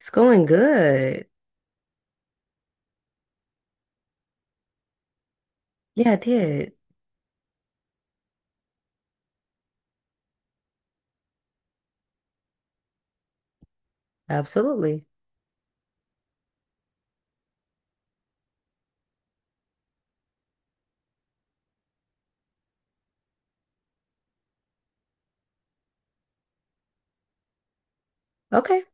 It's going good. Yeah, I did. Absolutely. Okay.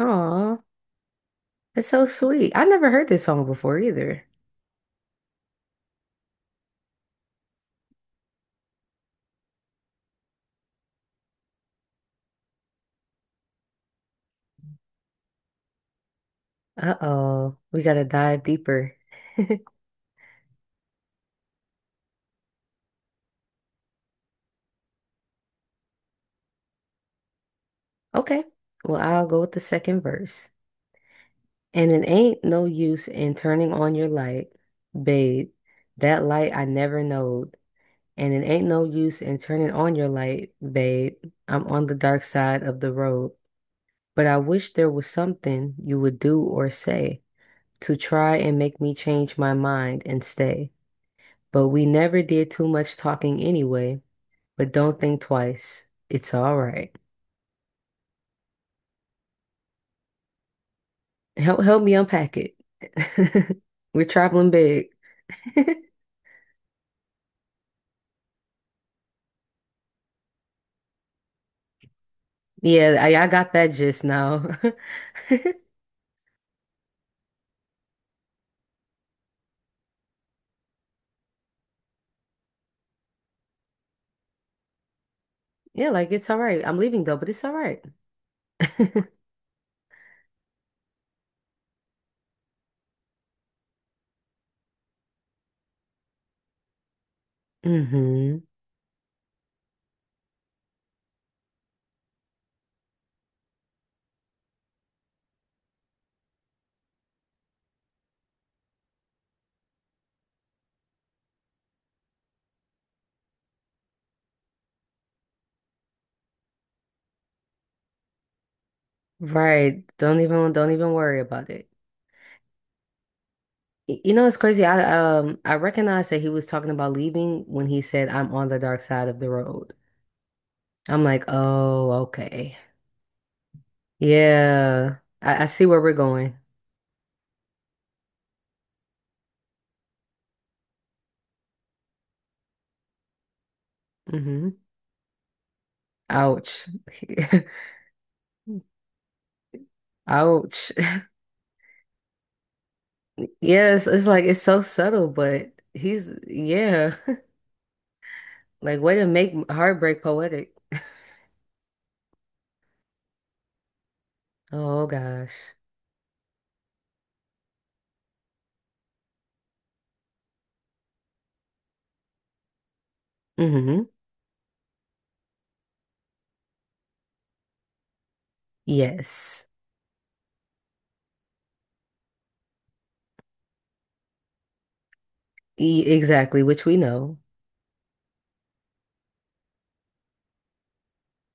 Aw, that's so sweet. I never heard this song before either. Uh-oh, we gotta dive deeper. Okay. Well, I'll go with the second verse. And it ain't no use in turning on your light, babe. That light I never knowed. And it ain't no use in turning on your light, babe. I'm on the dark side of the road. But I wish there was something you would do or say to try and make me change my mind and stay. But we never did too much talking anyway, but don't think twice. It's all right. Help me unpack it. We're traveling big. Yeah, I got that just now. Yeah, like it's all right. I'm leaving though, but it's all right. Mm-hmm. Right. Don't even worry about it. You know, it's crazy. I recognized that he was talking about leaving when he said, "I'm on the dark side of the road." I'm like, oh, okay. Yeah, I see where we're going. Hmm. Ouch. Ouch. Yes, it's like it's so subtle, but he's, yeah, like way to make heartbreak poetic. Oh gosh. Hmm. Yes. E exactly, which we know.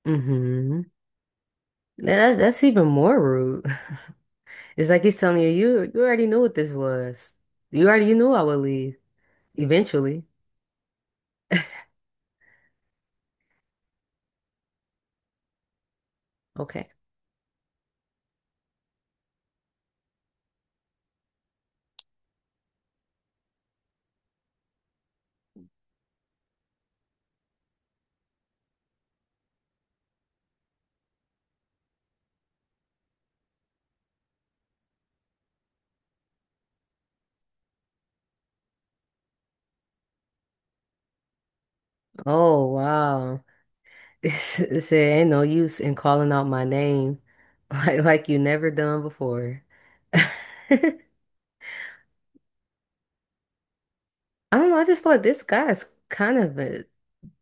Hmm. That's even more rude. It's like he's telling you, you already knew what this was. You already knew I would leave eventually. Okay. Oh, wow. It said, ain't no use in calling out my name like you never done before. I don't know, I just feel like this guy's kind of a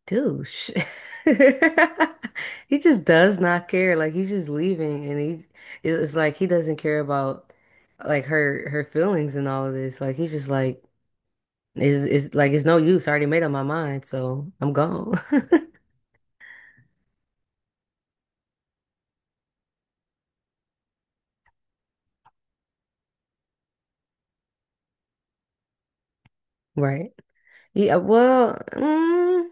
douche. He just does not care. Like he's just leaving and he it's like he doesn't care about like her feelings and all of this. Like he's just like is like it's no use. I already made up my mind, so I'm gone. Right. Yeah, well,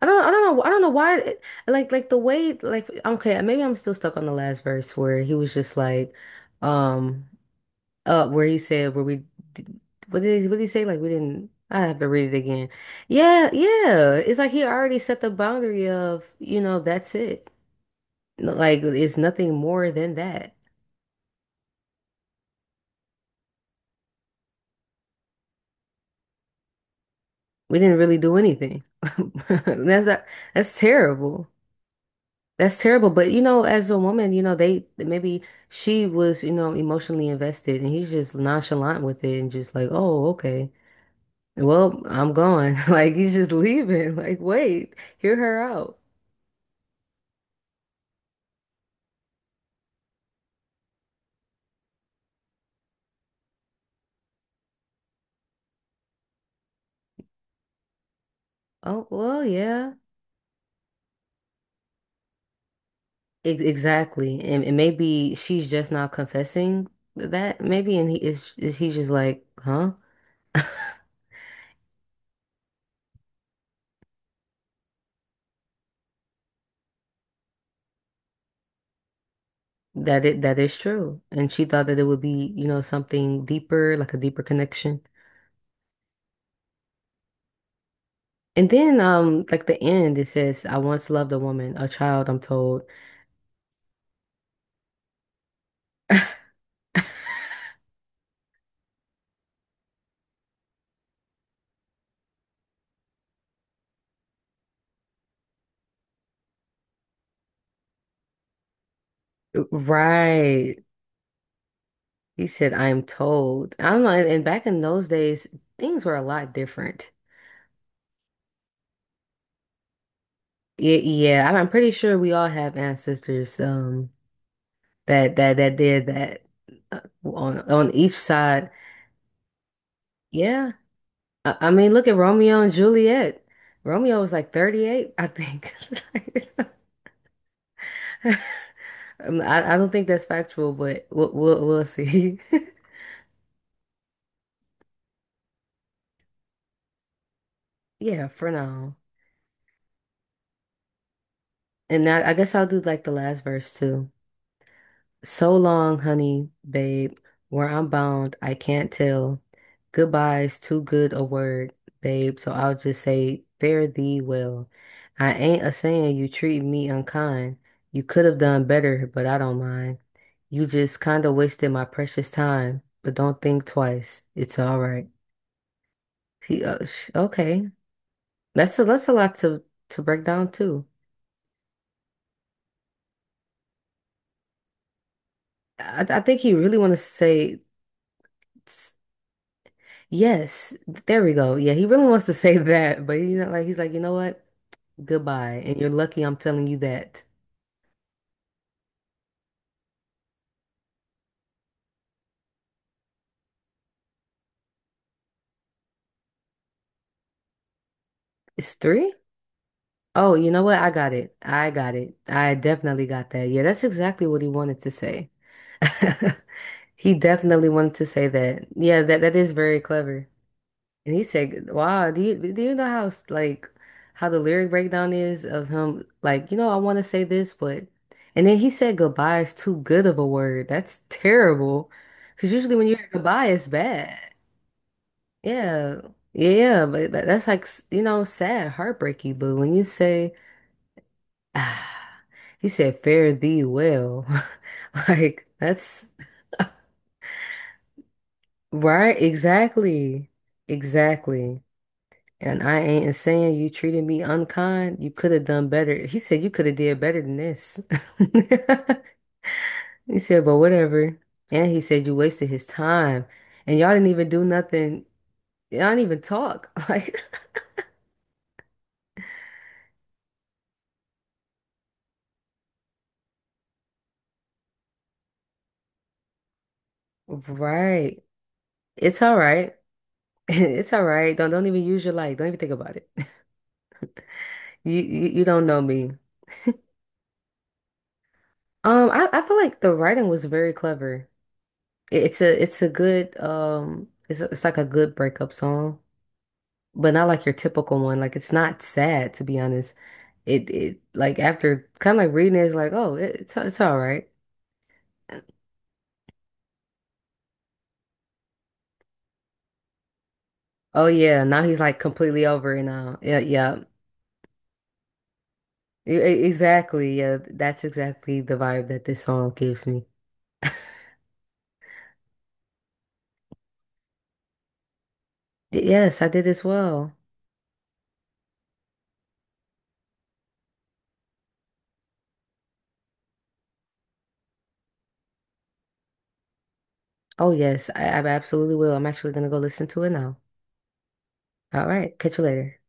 I don't know I don't know why like the way like okay, maybe I'm still stuck on the last verse where he was just like um where he said where we did- what did he say like we didn't, I have to read it again. Yeah, yeah, it's like he already set the boundary of, you know, that's it, like it's nothing more than that. We didn't really do anything that's not, that's terrible. That's terrible. But you know, as a woman, you know, they maybe she was, you know, emotionally invested and he's just nonchalant with it and just like, oh, okay. Well, I'm going. Like he's just leaving. Like, wait, hear her out. Oh, well, yeah. Exactly. And maybe she's just not confessing that, maybe, and he is he's just like, huh? That is true. And she thought that it would be, you know, something deeper, like a deeper connection. And then, like the end, it says, I once loved a woman, a child, I'm told. Right. He said, I am told. I don't know. And back in those days, things were a lot different. Yeah, yeah. I'm pretty sure we all have ancestors, that did that uh, on each side. Yeah. I mean, look at Romeo and Juliet. Romeo was like 38, I think. I don't think that's factual, but we'll see. Yeah, for now. And I guess I'll do like the last verse too. So long, honey, babe, where I'm bound, I can't tell. Goodbye's too good a word, babe, so I'll just say, fare thee well. I ain't a saying you treat me unkind. You could have done better, but I don't mind. You just kind of wasted my precious time, but don't think twice. It's all right. He, okay. That's a lot to break down too. I think he really want to say. Yes, there we go. Yeah, he really wants to say that, but you know, like he's like, you know what? Goodbye. And you're lucky I'm telling you that. It's three? Oh, you know what? I got it. I got it. I definitely got that. Yeah, that's exactly what he wanted to say. He definitely wanted to say that. Yeah, that that is very clever. And he said, "Wow, do you know how like how the lyric breakdown is of him? Like, you know, I want to say this, but and then he said goodbye is too good of a word. That's terrible, because usually when you hear goodbye, it's bad. Yeah, yeah, but that, that's like you know, sad, heartbreaky. But when you say, ah, he said, fare thee well, like that's right, exactly, exactly. And I ain't saying you treated me unkind. You could have done better. He said you could have did better than this. He said, but whatever. And he said you wasted his time. And y'all didn't even do nothing. Y'all didn't even talk. Like, right. It's all right. It's all right. Don't even use your light. Don't even think about it. You don't know me. I feel like the writing was very clever. It's a it's a good it's a, it's like a good breakup song. But not like your typical one. Like it's not sad, to be honest. It like, after kind of like reading it, it's like, oh it, it's all right. Oh yeah, now he's like completely over it now. Yeah, yeah. Exactly. Yeah, that's exactly the vibe that this song gives me. Yes, I did as well. Oh yes, I absolutely will. I'm actually gonna go listen to it now. All right, catch you later.